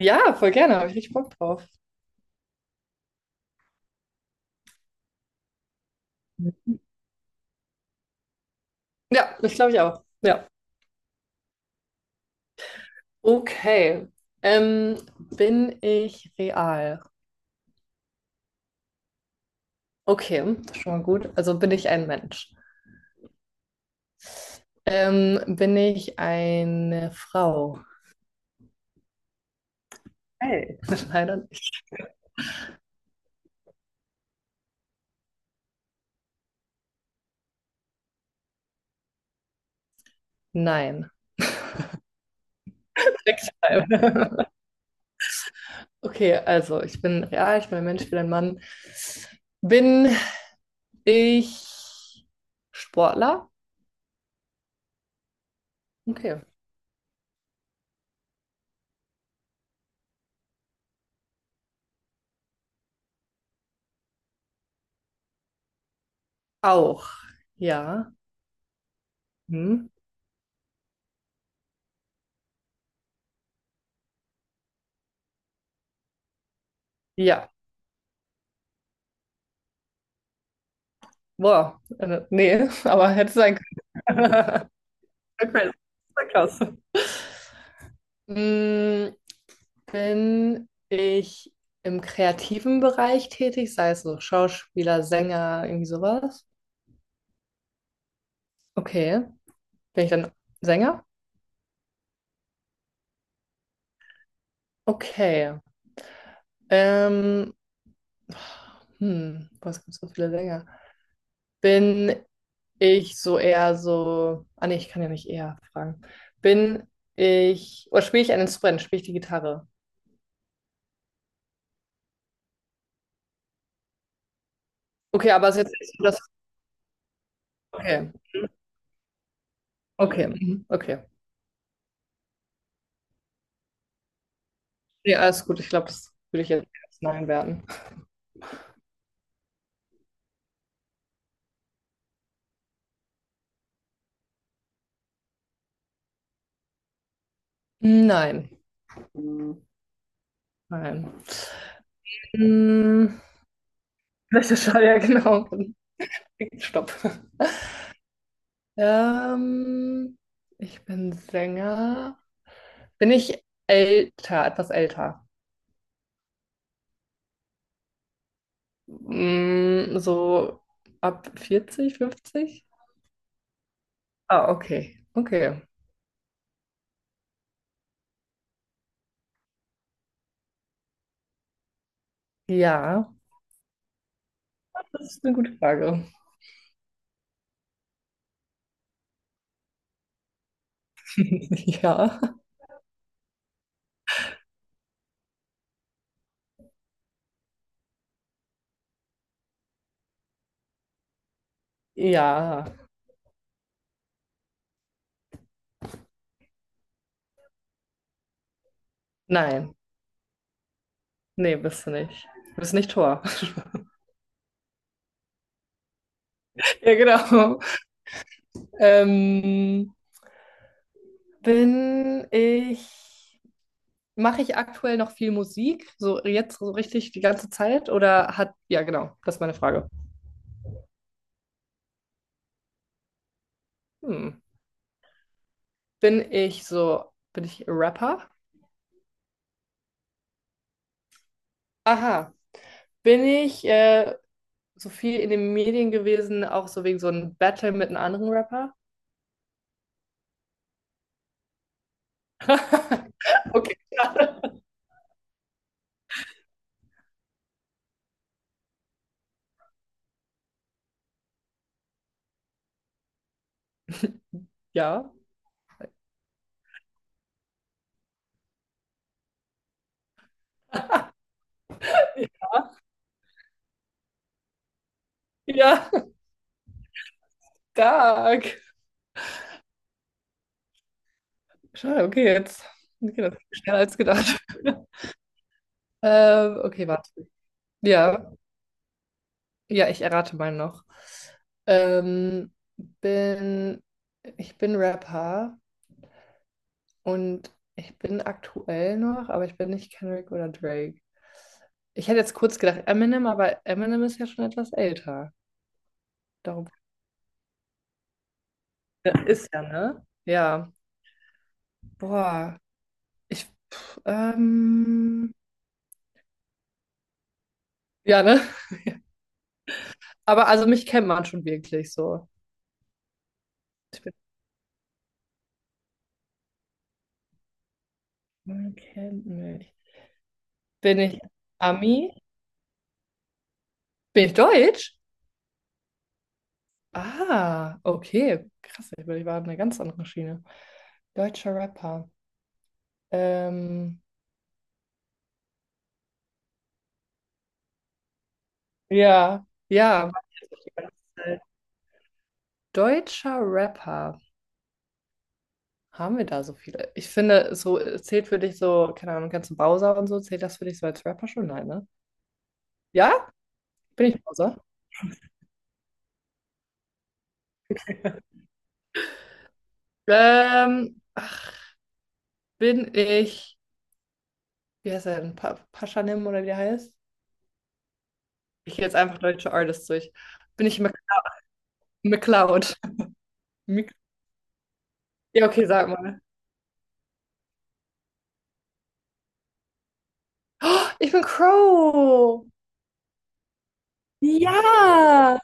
Ja, voll gerne, habe ich richtig Bock drauf. Ja, das glaube ich auch. Ja. Okay. Ähm, Bin ich real? Okay, das ist schon mal gut. Also bin ich ein Mensch? Bin ich eine Frau? Hey. Leider nicht. Nein. Sechsmal. Okay, also ich bin real, ich bin ein Mensch, ich bin ein Mann. Bin ich Sportler? Okay. Auch. Ja. Hm. Ja. Boah, nee, aber hätte sein können. Okay, das ist ja krass. Mm, Bin ich im kreativen Bereich tätig, sei es so Schauspieler, Sänger, irgendwie sowas? Okay. Bin ich dann Sänger? Okay. Ähm, boah, es gibt so viele Sänger. Bin ich so eher so. Ah, nee, ich kann ja nicht eher fragen. Bin ich. Oder spiele ich ein Instrument? Spiele ich die Gitarre? Okay, aber es ist jetzt nicht so, dass. Okay. Okay, Mhm, okay. Ja, alles gut. Ich glaube, das würde ich jetzt als Nein werten. Nein, nein. Hm, Welche Schall, ja, genau. Stopp. Ähm, ich bin Sänger. Bin ich älter, etwas älter? Hm, so ab 40, 50? Ah, okay, okay. Ja, das ist eine gute Frage. Ja, ja. Nein, nee, bist du nicht. Du bist nicht Tor. Ja, genau. Ähm, bin ich, mache ich aktuell noch viel Musik? So jetzt so richtig die ganze Zeit? Oder hat, ja, genau, das ist meine Frage. Hm. Bin ich so, bin ich Rapper? Aha. Bin ich so viel in den Medien gewesen, auch so wegen so einem Battle mit einem anderen Rapper? Okay, schade. Ja. Ja, stark. Schade, okay, jetzt geht das schneller als gedacht. Okay, warte. Ja. Ja, ich errate mal noch. Ähm, bin, ich bin Rapper und ich bin aktuell noch, aber ich bin nicht Kendrick oder Drake. Ich hätte jetzt kurz gedacht Eminem, aber Eminem ist ja schon etwas älter. Darum ja, ist ja, ne? Ja. Boah. Ich, pff, ähm, ja, ne? Aber also mich kennt man schon wirklich so. Ich bin, man kennt mich. Bin ich Ami? Bin ich Deutsch? Ah, okay. Krass, ich war auf einer ganz anderen Schiene. Deutscher Rapper. Ähm, ja, ja. Deutscher Rapper. Haben wir da so viele? Ich finde, so zählt für dich so, keine Ahnung, kannst du Bowser und so, zählt das für dich so als Rapper schon? Nein, ne? Ja? Bin ich Bowser? Ähm, bin ich, wie heißt er denn? Pa Paschanim oder wie der heißt? Ich gehe jetzt einfach deutsche Artists durch. Bin ich Mc McCloud? Mc ja, okay, sag mal. Oh, ich bin Crow. Ja!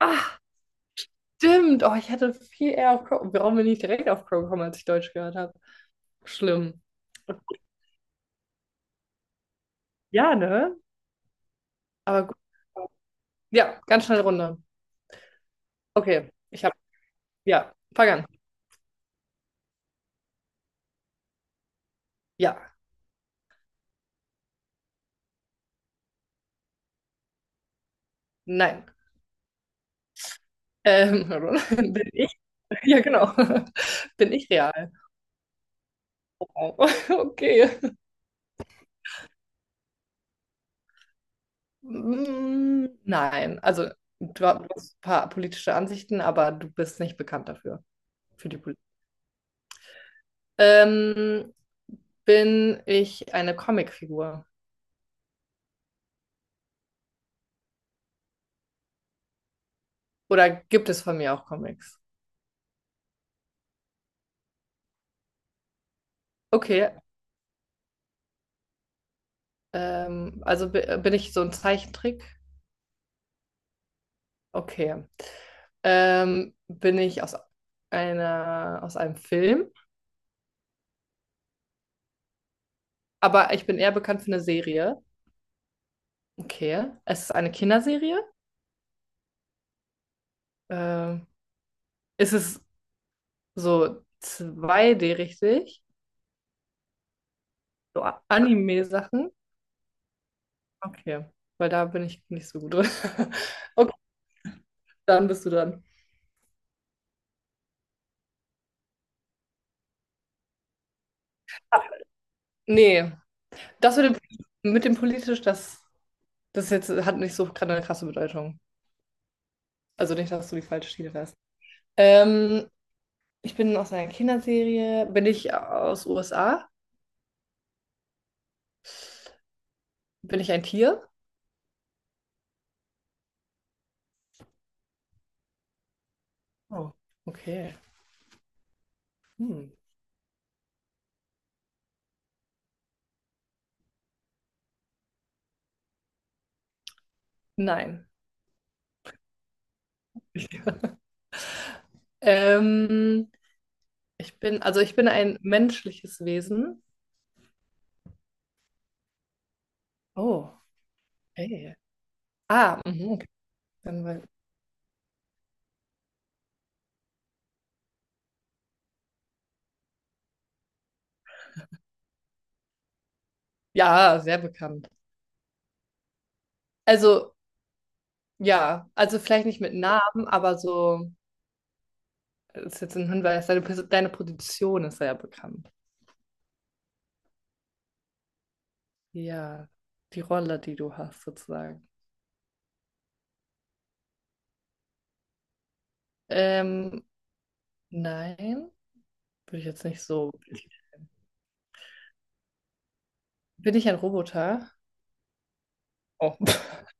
Ach, stimmt. Oh, ich hätte viel eher auf Crow. Warum bin ich direkt auf Crow gekommen, als ich Deutsch gehört habe? Schlimm. Ja, ne? Aber gut. Ja, ganz schnell Runde. Okay, ich habe. Ja, fang an. Ja, nein. Ähm, bin ich? Ja, genau. Bin ich real? Oh, okay. Mm, nein, also du hast ein paar politische Ansichten, aber du bist nicht bekannt dafür, für die Ähm, bin ich eine Comicfigur? Oder gibt es von mir auch Comics? Okay, bin ich so ein Zeichentrick? Okay. Bin ich aus einer, aus einem Film? Aber ich bin eher bekannt für eine Serie. Okay. Es ist eine Kinderserie? Ähm, ist es so zwei d richtig? So A- Anime-Sachen? Okay. Weil da bin ich nicht so gut drin. Okay, dann bist du dran. Nee, das mit dem politisch, das, das jetzt hat nicht so gerade eine krasse Bedeutung. Also nicht, dass du die falsche Schiene fährst. Ähm, ich bin aus einer Kinderserie. Bin ich aus USA? Bin ich ein Tier? Oh, okay. Hm. Nein. Ähm, also ich bin ein menschliches Wesen. Oh, ey. Ah, mhm, okay. Dann war- Ja, sehr bekannt. Also, ja, also vielleicht nicht mit Namen, aber so. Das ist jetzt ein Hinweis, deine Position ist sehr bekannt. Ja, die Rolle, die du hast, sozusagen. Ähm, nein, würde ich jetzt nicht so. Bin ich ein Roboter? Oh,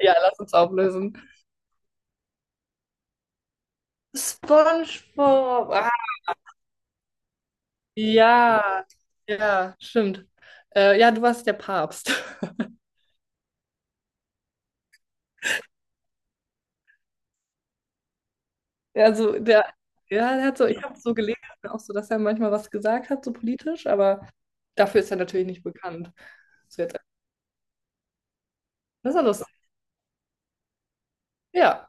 ja, lass uns auflösen. SpongeBob! Ah, ja, ja, stimmt. Ja, du warst der Papst. Also, der, ja, der hat so, ich habe so gelesen, auch so, dass er manchmal was gesagt hat, so politisch, aber dafür ist er natürlich nicht bekannt. So jetzt, das ist ja lustig. Ja.